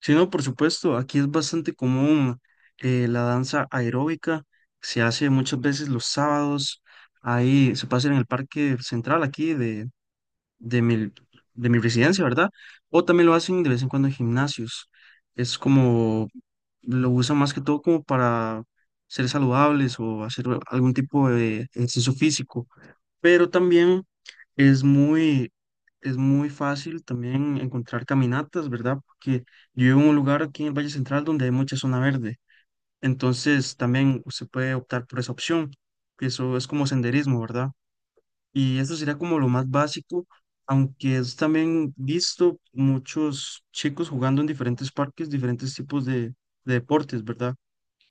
Sí, no, por supuesto, aquí es bastante común la danza aeróbica, se hace muchas veces los sábados, ahí se puede hacer en el parque central aquí de mi, de mi residencia, ¿verdad? O también lo hacen de vez en cuando en gimnasios, es como, lo usan más que todo como para ser saludables o hacer algún tipo de ejercicio físico, pero también es muy, es muy fácil también encontrar caminatas, ¿verdad? Porque yo vivo en un lugar aquí en el Valle Central donde hay mucha zona verde, entonces también se puede optar por esa opción, que eso es como senderismo, ¿verdad? Y esto sería como lo más básico, aunque es también visto muchos chicos jugando en diferentes parques, diferentes tipos de deportes, ¿verdad?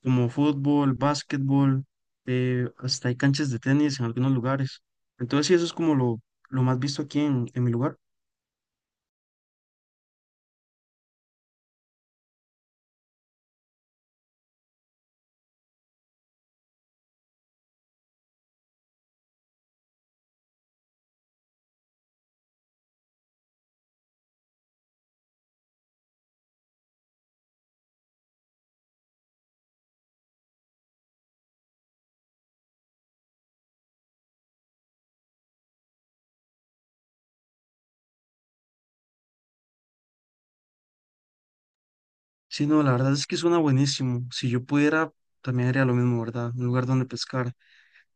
Como fútbol, básquetbol, hasta hay canchas de tenis en algunos lugares. Entonces, sí, eso es como lo más visto aquí en mi lugar. Sí, no, la verdad es que suena buenísimo. Si yo pudiera, también haría lo mismo, ¿verdad? Un lugar donde pescar.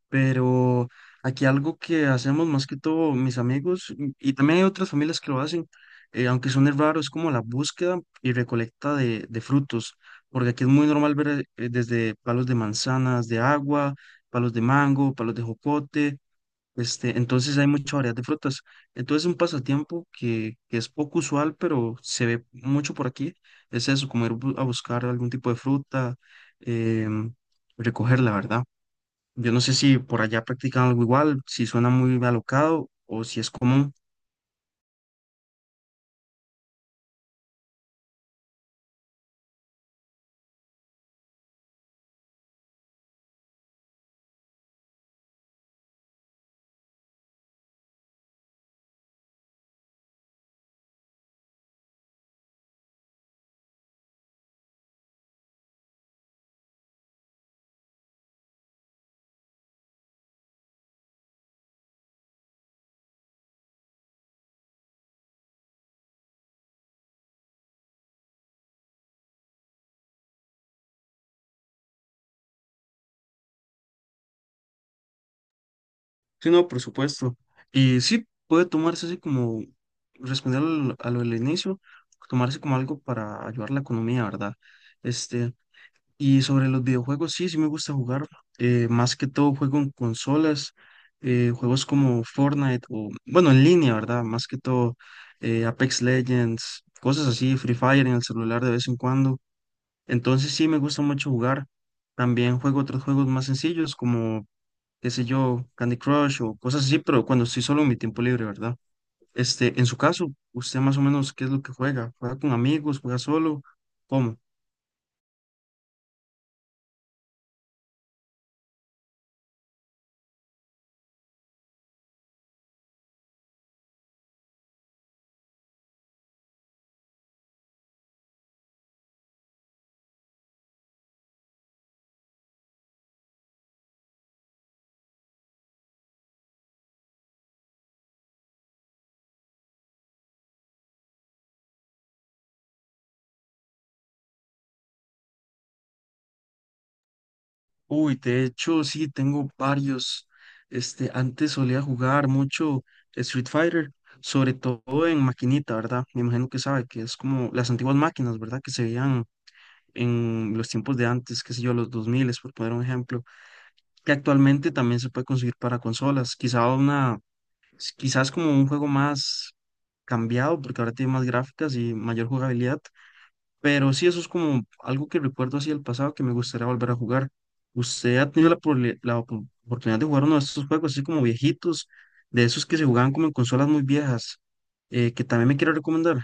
Pero aquí algo que hacemos más que todo mis amigos, y también hay otras familias que lo hacen, aunque suene raro, es como la búsqueda y recolecta de frutos. Porque aquí es muy normal ver desde palos de manzanas, de agua, palos de mango, palos de jocote. Este, entonces hay mucha variedad de frutas. Entonces un pasatiempo que es poco usual, pero se ve mucho por aquí, es eso, como a buscar algún tipo de fruta, em, recogerla, ¿verdad? Yo no sé si por allá practican algo igual, si suena muy alocado o si es común. Sí, no, por supuesto. Y sí, puede tomarse así como, responder a lo del inicio, tomarse como algo para ayudar la economía, ¿verdad? Este, y sobre los videojuegos, sí, sí me gusta jugar. Más que todo juego en consolas, juegos como Fortnite o, bueno, en línea, ¿verdad? Más que todo Apex Legends, cosas así, Free Fire en el celular de vez en cuando. Entonces sí me gusta mucho jugar. También juego otros juegos más sencillos como, qué sé yo, Candy Crush o cosas así, pero cuando estoy solo en mi tiempo libre, ¿verdad? Este, en su caso, ¿usted más o menos qué es lo que juega? ¿Juega con amigos? ¿Juega solo? ¿Cómo? Uy, de hecho, sí, tengo varios. Este, antes solía jugar mucho Street Fighter, sobre todo en maquinita, ¿verdad? Me imagino que sabe que es como las antiguas máquinas, ¿verdad? Que se veían en los tiempos de antes, qué sé yo, los 2000, por poner un ejemplo, que actualmente también se puede conseguir para consolas. Quizás como un juego más cambiado, porque ahora tiene más gráficas y mayor jugabilidad, pero sí, eso es como algo que recuerdo así del pasado que me gustaría volver a jugar. ¿Usted ha tenido la, probli- la op- oportunidad de jugar uno de estos juegos así como viejitos, de esos que se jugaban como en consolas muy viejas, que también me quiero recomendar?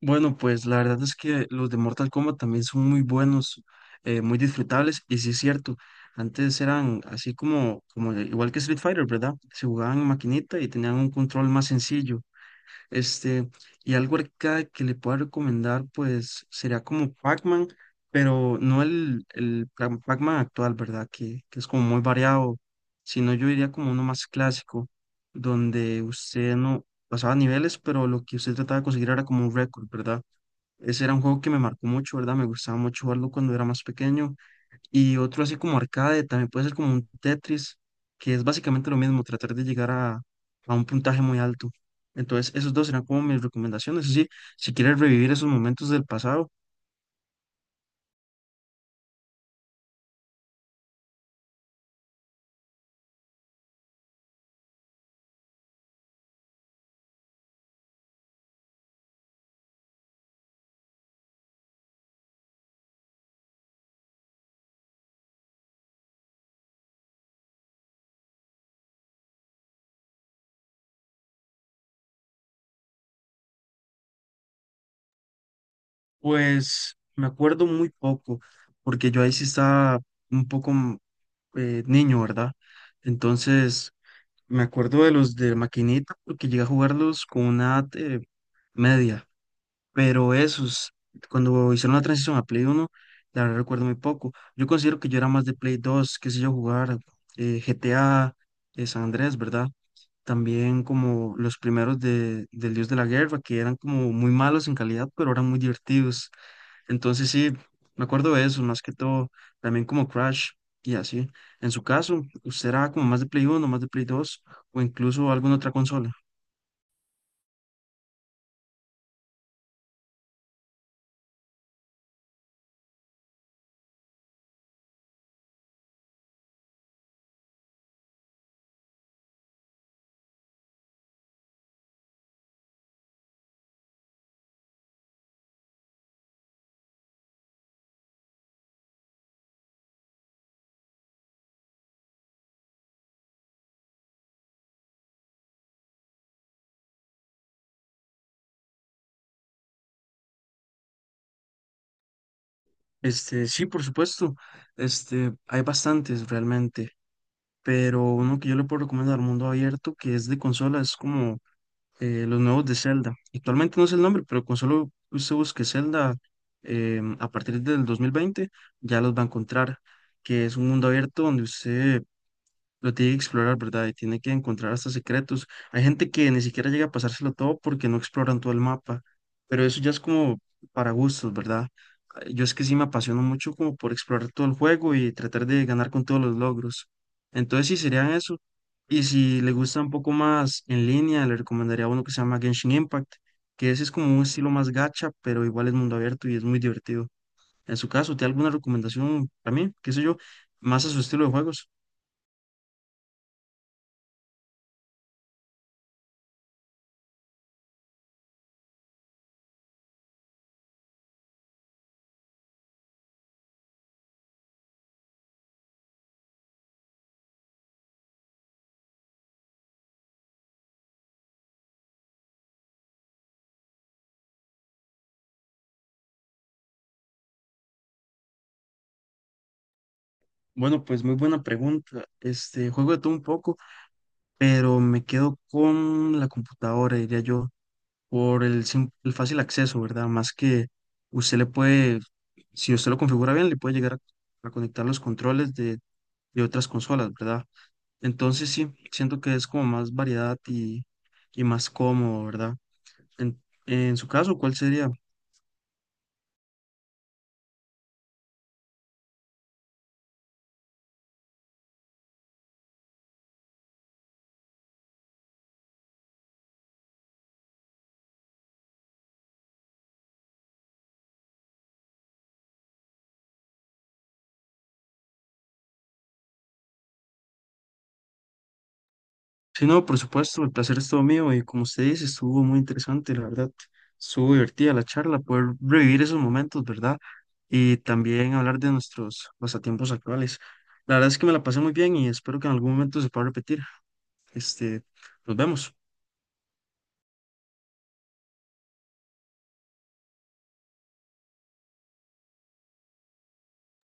Bueno, pues la verdad es que los de Mortal Kombat también son muy buenos, muy disfrutables, y sí es cierto, antes eran así como igual que Street Fighter, ¿verdad? Se jugaban en maquinita y tenían un control más sencillo. Este, y algo arcade que le pueda recomendar, pues sería como Pac-Man, pero no el Pac-Man actual, ¿verdad? Que es como muy variado, sino yo diría como uno más clásico, donde usted no pasaba niveles, pero lo que usted trataba de conseguir era como un récord, ¿verdad? Ese era un juego que me marcó mucho, ¿verdad? Me gustaba mucho jugarlo cuando era más pequeño, y otro así como arcade, también puede ser como un Tetris, que es básicamente lo mismo, tratar de llegar a un puntaje muy alto. Entonces, esos dos serán como mis recomendaciones. Eso sí, si quieres revivir esos momentos del pasado, pues me acuerdo muy poco, porque yo ahí sí estaba un poco niño, ¿verdad? Entonces, me acuerdo de los de maquinita, porque llegué a jugarlos con una edad, media. Pero esos, cuando hicieron la transición a Play Uno, la verdad recuerdo muy poco. Yo considero que yo era más de Play Dos, qué sé yo, jugar GTA, San Andrés, ¿verdad? También como los primeros del Dios de la Guerra, que eran como muy malos en calidad, pero eran muy divertidos. Entonces sí, me acuerdo de eso, más que todo, también como Crash y así. En su caso, ¿usted era como más de Play Uno, más de Play Dos o incluso alguna otra consola? Este, sí, por supuesto. Este, hay bastantes realmente. Pero uno que yo le puedo recomendar, Mundo Abierto, que es de consola, es como los nuevos de Zelda. Actualmente no sé el nombre, pero con solo usted busque Zelda a partir del 2020 ya los va a encontrar, que es un mundo abierto donde usted lo tiene que explorar, ¿verdad? Y tiene que encontrar hasta secretos. Hay gente que ni siquiera llega a pasárselo todo porque no exploran todo el mapa, pero eso ya es como para gustos, ¿verdad? Yo es que sí me apasiono mucho como por explorar todo el juego y tratar de ganar con todos los logros. Entonces sí serían eso. Y si le gusta un poco más en línea, le recomendaría uno que se llama Genshin Impact, que ese es como un estilo más gacha, pero igual es mundo abierto y es muy divertido. En su caso, ¿tiene alguna recomendación para mí? ¿Qué sé yo? Más a su estilo de juegos. Bueno, pues muy buena pregunta. Este, juego de todo un poco, pero me quedo con la computadora, diría yo, por el fácil acceso, ¿verdad? Más que usted le puede, si usted lo configura bien, le puede llegar a conectar los controles de otras consolas, ¿verdad? Entonces sí, siento que es como más variedad y más cómodo, ¿verdad? En, en su caso, ¿cuál sería? Sí, no, por supuesto, el placer es todo mío y como usted dice, estuvo muy interesante, la verdad. Estuvo divertida la charla, poder revivir esos momentos, ¿verdad? Y también hablar de nuestros pasatiempos actuales. La verdad es que me la pasé muy bien y espero que en algún momento se pueda repetir. Este, nos vemos.